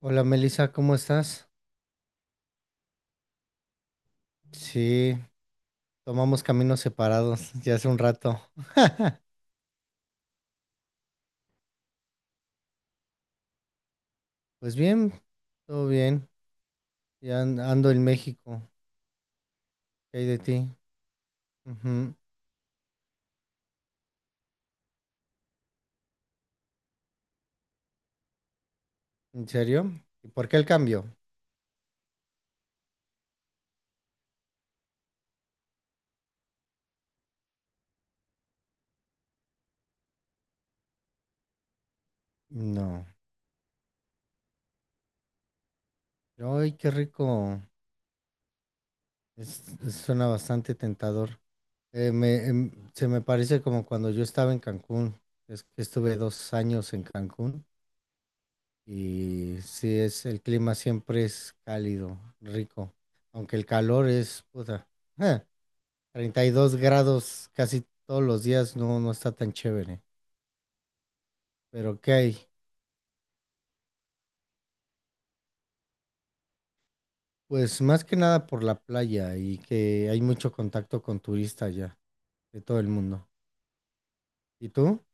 Hola Melissa, ¿cómo estás? Sí, tomamos caminos separados ya hace un rato. Pues bien, todo bien. Ando en México. ¿Qué hay de ti? Ujú. ¿En serio? ¿Y por qué el cambio? No. Ay, qué rico. Suena bastante tentador. Se me parece como cuando yo estaba en Cancún. Es que estuve 2 años en Cancún. Y sí, es, el clima siempre es cálido, rico, aunque el calor es, puta, ja, 32 grados casi todos los días, no está tan chévere. Pero, ¿qué hay? Pues más que nada por la playa y que hay mucho contacto con turistas ya, de todo el mundo. ¿Y tú?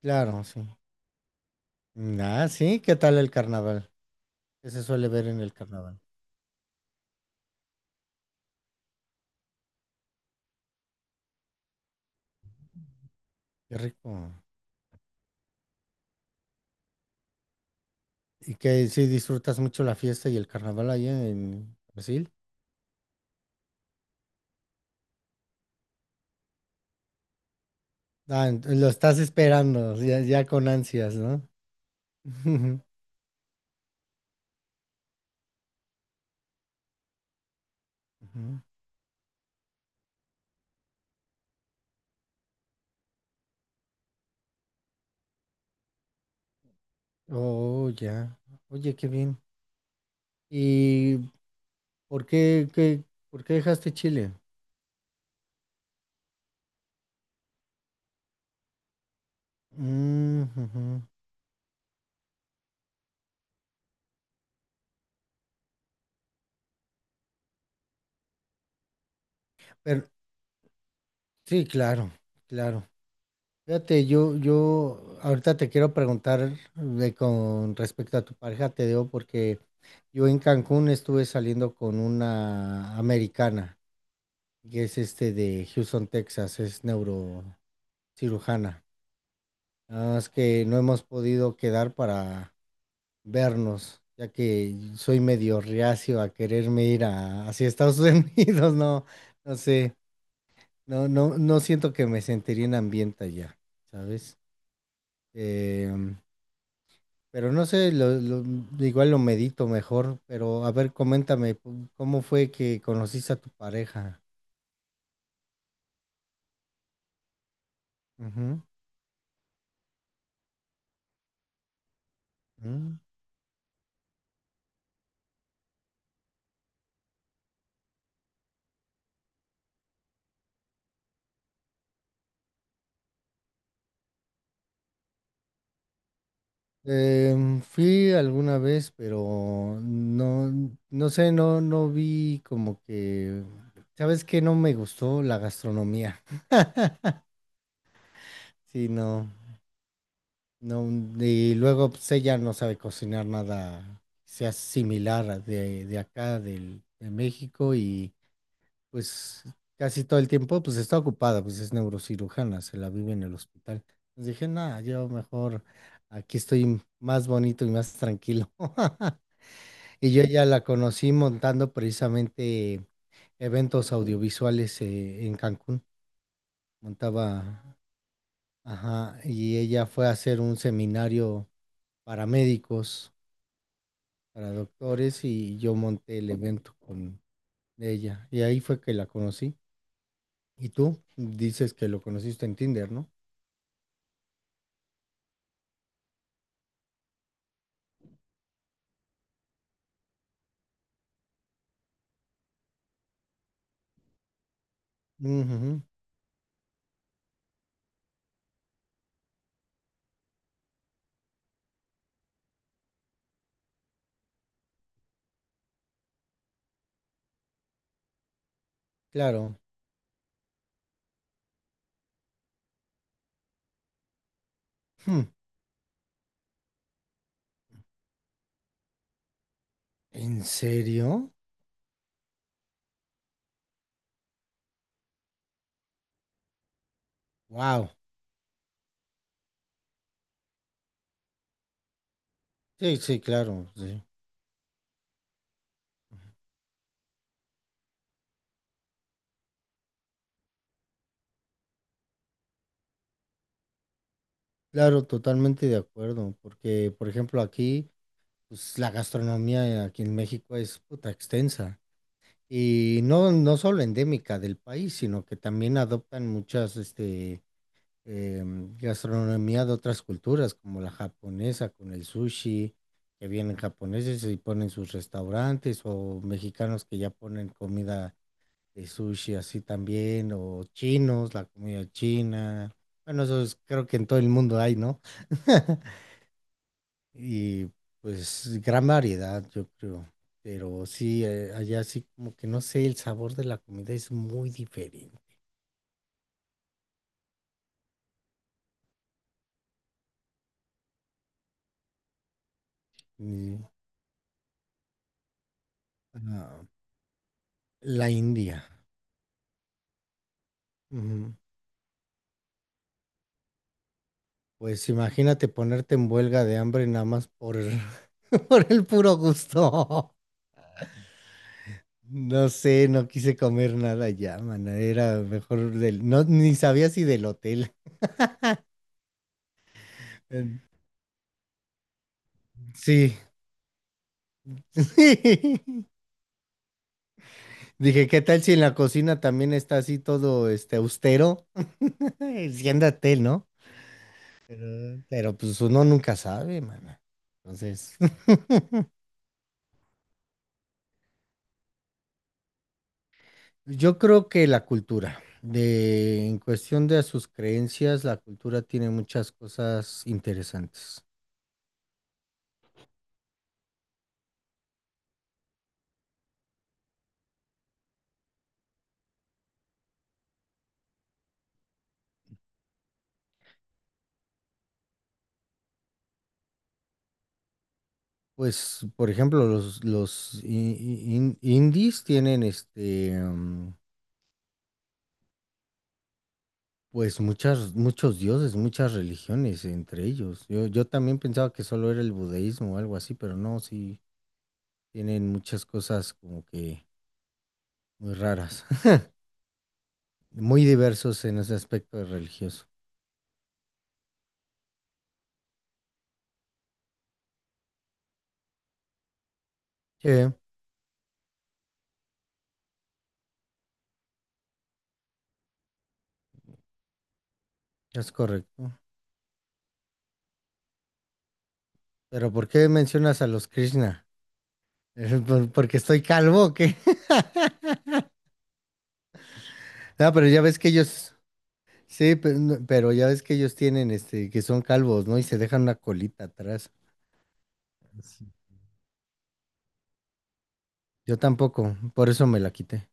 Claro, sí. Mm, ah, sí, ¿qué tal el carnaval? ¿Qué se suele ver en el carnaval? Qué rico. ¿Y que si disfrutas mucho la fiesta y el carnaval allá en Brasil? Ah, lo estás esperando, ya, ya con ansias, ¿no? Ujú. Oh, ya. Oye, qué bien. ¿Y por qué, qué- por qué dejaste Chile? Mm, ujú. Pero sí, claro, claro. Fíjate, yo ahorita te quiero preguntar de con respecto a tu pareja, te digo, porque yo en Cancún estuve saliendo con una americana, que es este de Houston, Texas, es neurocirujana. Ah, es que no hemos podido quedar para vernos, ya que soy medio reacio a quererme ir a, hacia Estados Unidos, no, no sé, no siento que me sentiría en ambiente allá, ¿sabes? Em, pero no sé, igual lo medito mejor, pero a ver, coméntame, ¿cómo fue que conociste a tu pareja? Ujú, mm. Em, fui alguna vez, pero no, no sé, no, no vi como que, ¿sabes qué? No me gustó la gastronomía. Sí, no, no, y luego pues, ella no sabe cocinar nada que sea similar a de acá, del, de México, y pues casi todo el tiempo pues está ocupada, pues es neurocirujana, se la vive en el hospital. Entonces dije, nada, yo mejor aquí estoy más bonito y más tranquilo. Y yo ya la conocí montando precisamente eventos audiovisuales en Cancún. Montaba, ajá, y ella fue a hacer un seminario para médicos, para doctores, y yo monté el evento con ella. Y ahí fue que la conocí. Y tú dices que lo conociste en Tinder, ¿no? Ujú, claro. Hmm, ¿en serio? Wow. Sí, sí, claro, sí. Claro, totalmente de acuerdo, porque, por ejemplo, aquí, pues, la gastronomía aquí en México es puta extensa. Y no, no solo endémica del país, sino que también adoptan muchas este, gastronomía de otras culturas, como la japonesa con el sushi, que vienen japoneses y ponen sus restaurantes, o mexicanos que ya ponen comida de sushi así también, o chinos, la comida china. Bueno, creo que en todo el mundo hay, ¿no? Y pues gran variedad, yo creo. Pero sí, allá sí como que no sé, el sabor de la comida es muy diferente. mm, a la India. Ujú. Pues imagínate ponerte en huelga de hambre nada más por por el puro gusto. No sé, no quise comer nada ya, man. Era mejor del, no, ni sabía si del hotel. En- Sí. Dije, ¿qué tal si en la cocina también está así todo este austero? Enciéndate, ¿no? Pero, pues uno nunca sabe, mana. Entonces, yo creo que la cultura, de, en cuestión de sus creencias, la cultura tiene muchas cosas interesantes. Pues, por ejemplo, los indies tienen este, pues muchas, muchos dioses, muchas religiones entre ellos. Yo también pensaba que solo era el budeísmo o algo así, pero no, sí, tienen muchas cosas como que muy raras. Muy diversos en ese aspecto religioso. Sí, es correcto. Pero, ¿por qué mencionas a los Krishna? ¿Porque estoy calvo o qué? No, pero ya ves que ellos, sí, no, pero ya ves que ellos tienen, este, que son calvos, ¿no? Y se dejan una colita atrás. Sí. Yo tampoco, por eso me la quité.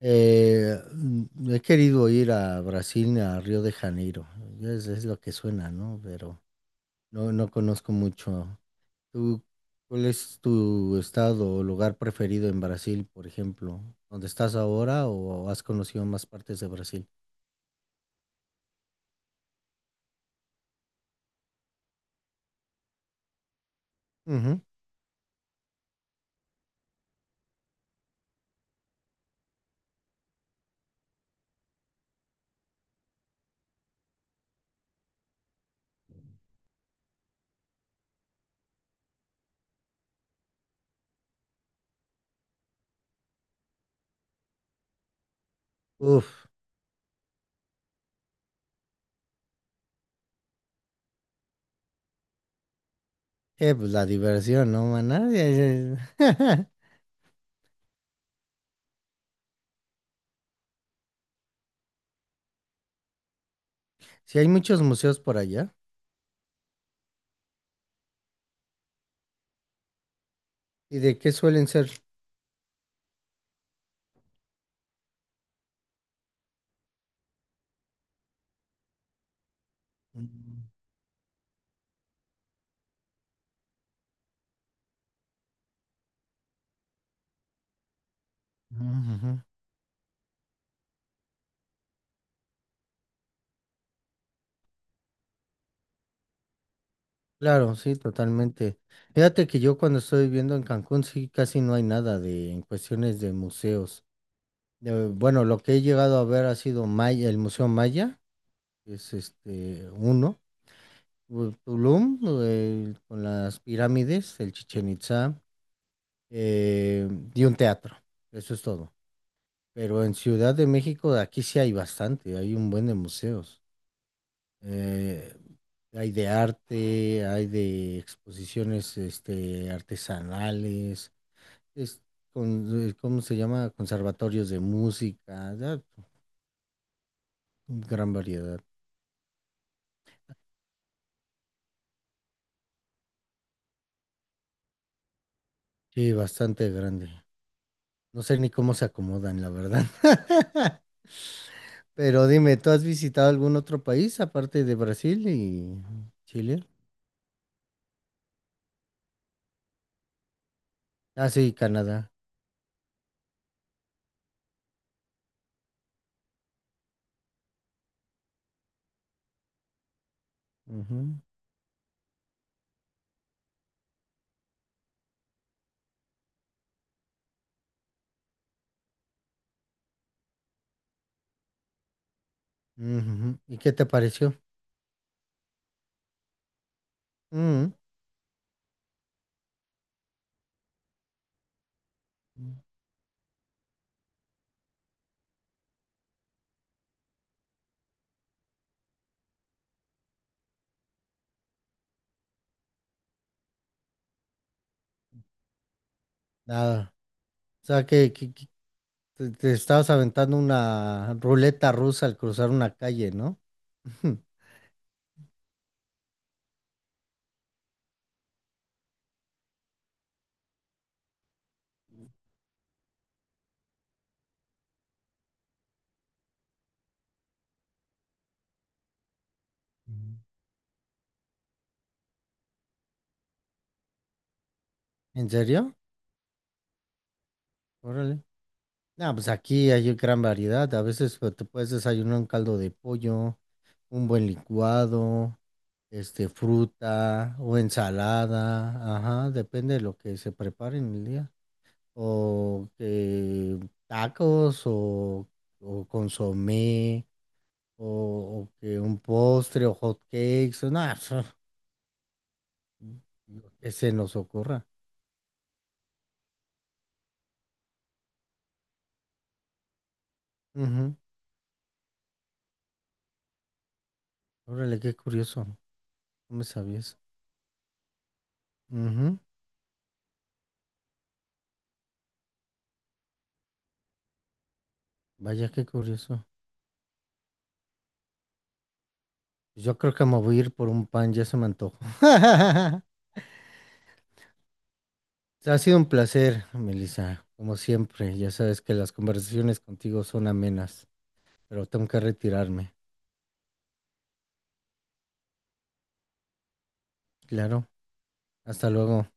He querido ir a Brasil, a Río de Janeiro. Es lo que suena, ¿no? Pero no, no conozco mucho. ¿Tú, cuál es tu estado o lugar preferido en Brasil, por ejemplo? ¿Dónde estás ahora o has conocido más partes de Brasil? Ujú. Uf, pues la diversión, ¿no, maná? Si hay muchos museos por allá. ¿Y de qué suelen ser? Mm, ujú. Claro, sí, totalmente. Fíjate que yo cuando estoy viviendo en Cancún, sí, casi no hay nada de en cuestiones de museos. Bueno, lo que he llegado a ver ha sido Maya, el Museo Maya, que es este uno. Tulum, con las pirámides, el Chichen Itzá, eh, y un teatro. Eso es todo. Pero en Ciudad de México, aquí sí hay bastante, hay un buen de museos. Eh, hay de arte, hay de exposiciones este, artesanales, es con, ¿cómo se llama? Conservatorios de música, da gran variedad. Sí, bastante grande. No sé ni cómo se acomodan, la verdad. Pero dime, ¿tú has visitado algún otro país aparte de Brasil y Chile? Ah, sí, Canadá. Ujú, ujú. ¿Y qué te pareció? Mm, Nada. O sea, que, que te estabas aventando una ruleta rusa al cruzar una calle, ¿no? ¿En serio? Órale. No, pues aquí hay gran variedad. A veces pues, te puedes desayunar un caldo de pollo, un buen licuado, este, fruta o ensalada, ajá, depende de lo que se prepare en el día. O que tacos o consomé o, o que un postre o hot cakes, o nada, lo que se nos ocurra. Ujú. Órale, qué curioso, no me sabías. Ujú. Vaya, qué curioso. Yo creo que me voy a ir por un pan, ya se me antojó. Ha sido un placer, Melissa, como siempre. Ya sabes que las conversaciones contigo son amenas, pero tengo que retirarme. Claro, hasta luego.